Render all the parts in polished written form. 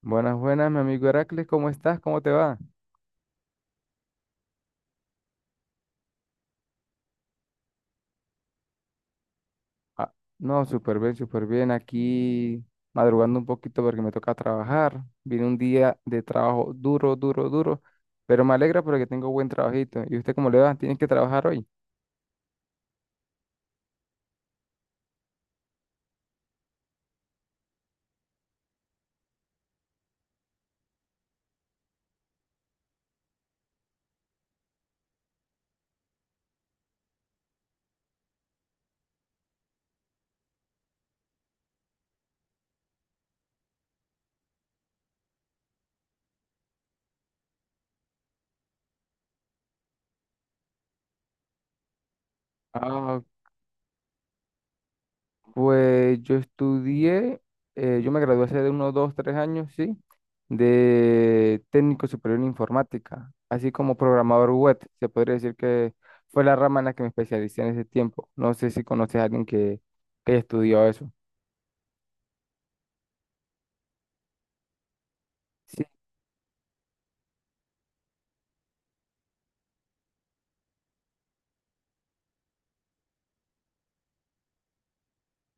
Buenas, buenas, mi amigo Heracles, ¿cómo estás? ¿Cómo te va? Ah, no, súper bien, súper bien. Aquí madrugando un poquito porque me toca trabajar. Vine un día de trabajo duro, duro, duro, pero me alegra porque tengo buen trabajito. ¿Y usted cómo le va? ¿Tienes que trabajar hoy? Ah, Pues yo me gradué hace de unos dos, tres años, sí, de técnico superior en informática, así como programador web. Se podría decir que fue la rama en la que me especialicé en ese tiempo. No sé si conoces a alguien que estudió eso. Sí.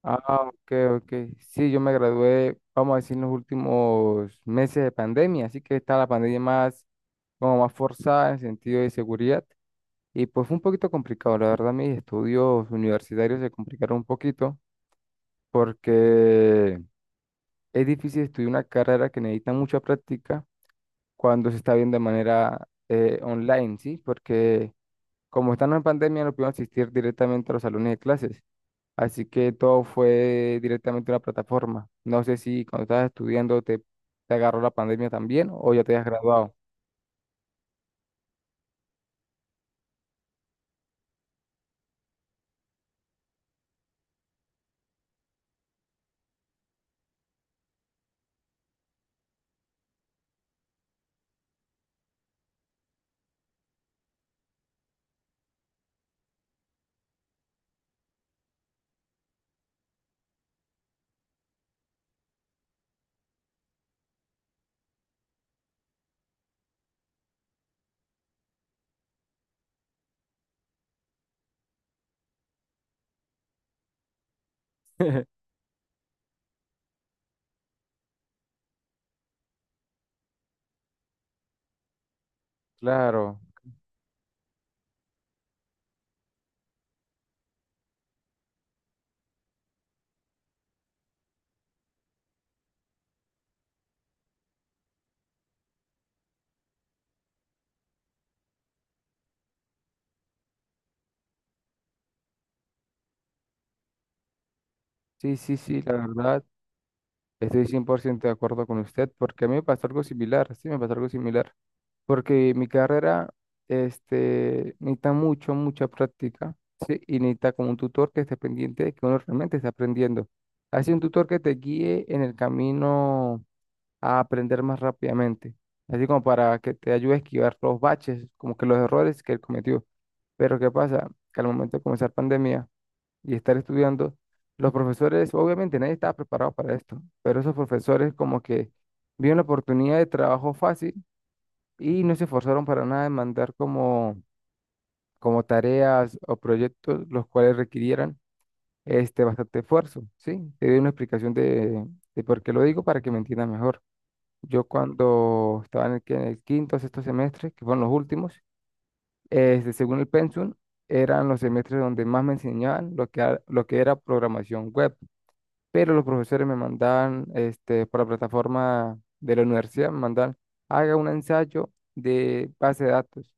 Ah, ok, ok. Sí, yo me gradué, vamos a decir, en los últimos meses de pandemia, así que está la pandemia más, como más forzada en sentido de seguridad. Y pues fue un poquito complicado, la verdad mis estudios universitarios se complicaron un poquito porque es difícil estudiar una carrera que necesita mucha práctica cuando se está viendo de manera online, ¿sí? Porque como estamos en pandemia no pudimos asistir directamente a los salones de clases, así que todo fue directamente a una plataforma. No sé si cuando estabas estudiando te agarró la pandemia también o ya te has graduado. Claro, sí, sí, sí, la verdad. Estoy 100% de acuerdo con usted porque a mí me pasó algo similar, sí, me pasó algo similar, porque mi carrera necesita mucha práctica, sí, y necesita como un tutor que esté pendiente de que uno realmente esté aprendiendo. Así un tutor que te guíe en el camino a aprender más rápidamente, así como para que te ayude a esquivar los baches, como que los errores que él cometió. Pero ¿qué pasa? Que al momento de comenzar pandemia y estar estudiando, los profesores, obviamente nadie estaba preparado para esto, pero esos profesores como que vieron la oportunidad de trabajo fácil y no se esforzaron para nada en mandar como tareas o proyectos los cuales requirieran bastante esfuerzo, ¿sí? Te doy una explicación de por qué lo digo para que me entiendas mejor. Yo cuando estaba en el quinto, sexto semestre, que fueron los últimos, según el pensum, eran los semestres donde más me enseñaban lo que era programación web, pero los profesores me mandaban, por la plataforma de la universidad, me mandaban, haga un ensayo de base de datos,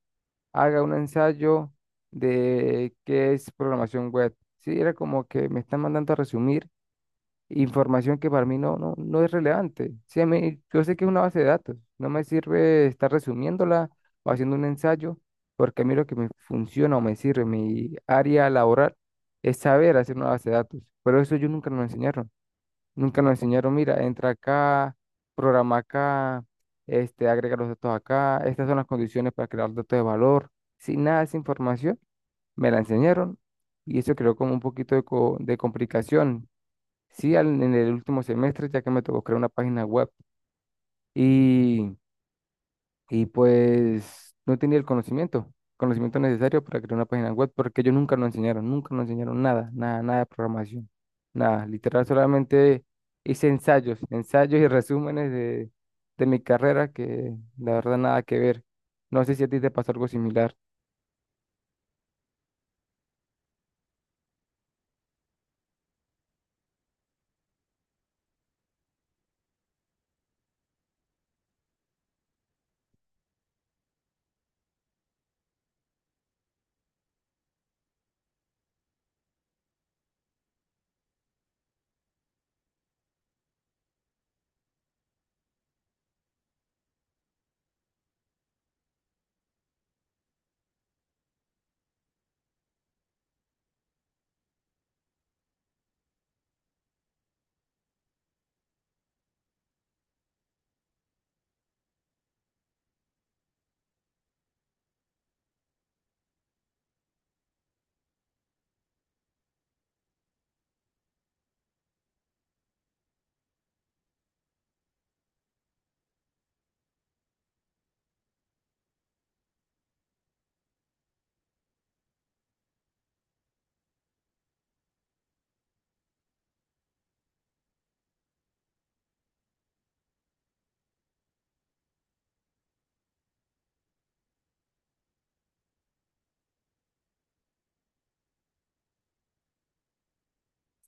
haga un ensayo de qué es programación web. Sí, era como que me están mandando a resumir información que para mí no, no, no es relevante. Sí, a mí, yo sé que es una base de datos, no me sirve estar resumiéndola o haciendo un ensayo, porque a mí lo que me funciona o me sirve, mi área laboral, es saber hacer una base de datos, pero eso yo nunca me lo enseñaron. Nunca nos enseñaron, mira, entra acá, programa acá, agrega los datos acá, estas son las condiciones para crear datos de valor. Sin nada de esa información, me la enseñaron y eso creó como un poquito de complicación. Sí, en el último semestre, ya que me tocó crear una página web y pues no tenía el conocimiento necesario para crear una página web, porque ellos nunca nos enseñaron, nunca nos enseñaron nada, nada, nada de programación, nada, literal solamente hice ensayos, ensayos y resúmenes de mi carrera que la verdad nada que ver. No sé si a ti te pasó algo similar.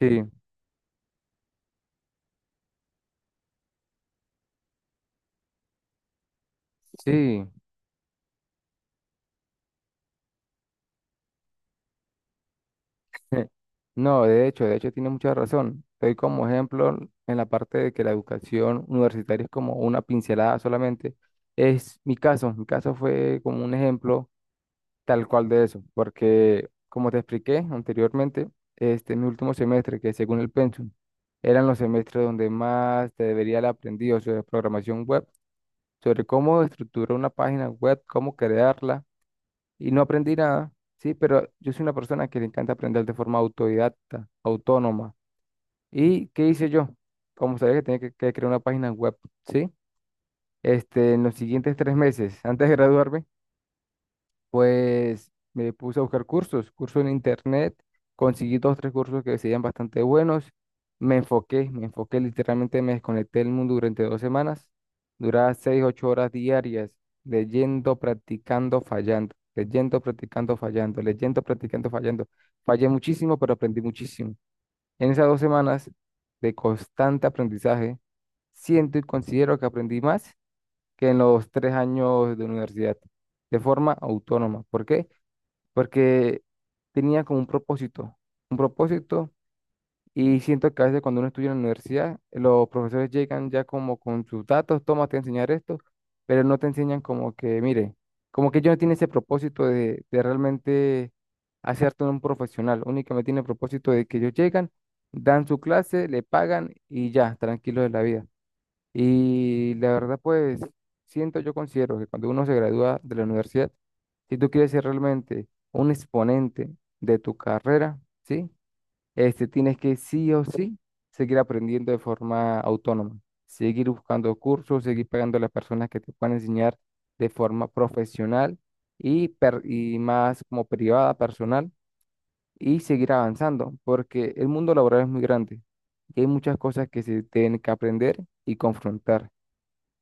Sí, sí. No, de hecho tiene mucha razón. Estoy como ejemplo en la parte de que la educación universitaria es como una pincelada solamente. Mi caso fue como un ejemplo tal cual de eso, porque como te expliqué anteriormente, mi último semestre, que según el pensum, eran los semestres donde más te debería haber aprendido sobre programación web, sobre cómo estructurar una página web, cómo crearla y no aprendí nada, ¿sí? Pero yo soy una persona que le encanta aprender de forma autodidacta, autónoma. ¿Y qué hice yo? Como sabía que tenía que crear una página web, ¿sí? En los siguientes 3 meses, antes de graduarme, pues me puse a buscar cursos, cursos en internet, conseguí dos, tres cursos que serían bastante buenos, me enfoqué, literalmente me desconecté del mundo durante 2 semanas, duraba seis, ocho horas diarias, leyendo, practicando, fallando, leyendo, practicando, fallando, leyendo, practicando, fallando. Fallé muchísimo, pero aprendí muchísimo. En esas 2 semanas de constante aprendizaje, siento y considero que aprendí más que en los 3 años de universidad, de forma autónoma. ¿Por qué? Porque tenía como un propósito, y siento que a veces cuando uno estudia en la universidad, los profesores llegan ya como con sus datos, toma, te voy a enseñar esto, pero no te enseñan como que, mire, como que ellos no tienen ese propósito de realmente hacerte un profesional, únicamente tienen el propósito de que ellos llegan, dan su clase, le pagan y ya, tranquilos de la vida. Y la verdad, pues, yo considero que cuando uno se gradúa de la universidad, si tú quieres ser realmente un exponente de tu carrera, ¿sí? Tienes que sí o sí seguir aprendiendo de forma autónoma, seguir buscando cursos, seguir pagando a las personas que te puedan enseñar de forma profesional y más como privada, personal, y seguir avanzando, porque el mundo laboral es muy grande y hay muchas cosas que se tienen que aprender y confrontar.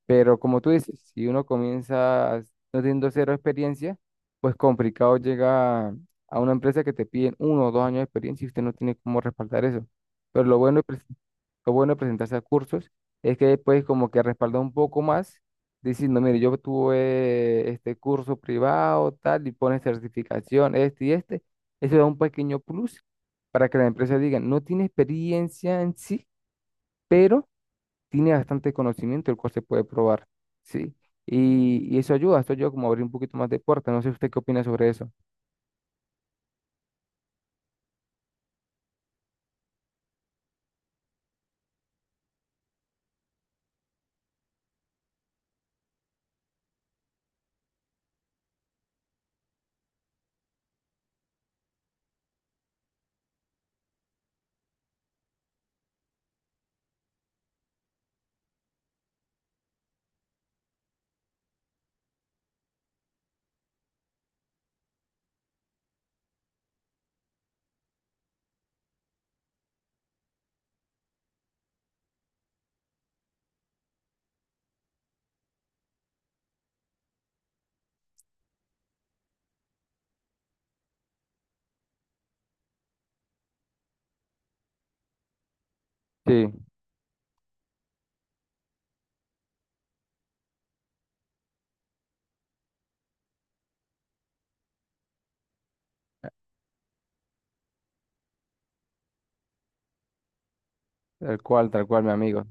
Pero como tú dices, si uno comienza no teniendo cero experiencia, pues complicado llega a una empresa que te piden 1 o 2 años de experiencia y usted no tiene cómo respaldar eso. Pero lo bueno de presentarse a cursos es que después como que respalda un poco más diciendo, mire, yo tuve este curso privado, tal, y pone certificación, este y este. Eso da un pequeño plus para que la empresa diga, no tiene experiencia en sí, tiene bastante conocimiento el cual se puede probar, ¿sí? Y eso ayuda, esto ayuda como a abrir un poquito más de puertas. No sé usted qué opina sobre eso. Sí, tal cual, mi amigo.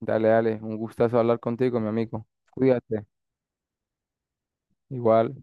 Dale, dale, un gustazo hablar contigo, mi amigo. Cuídate, igual.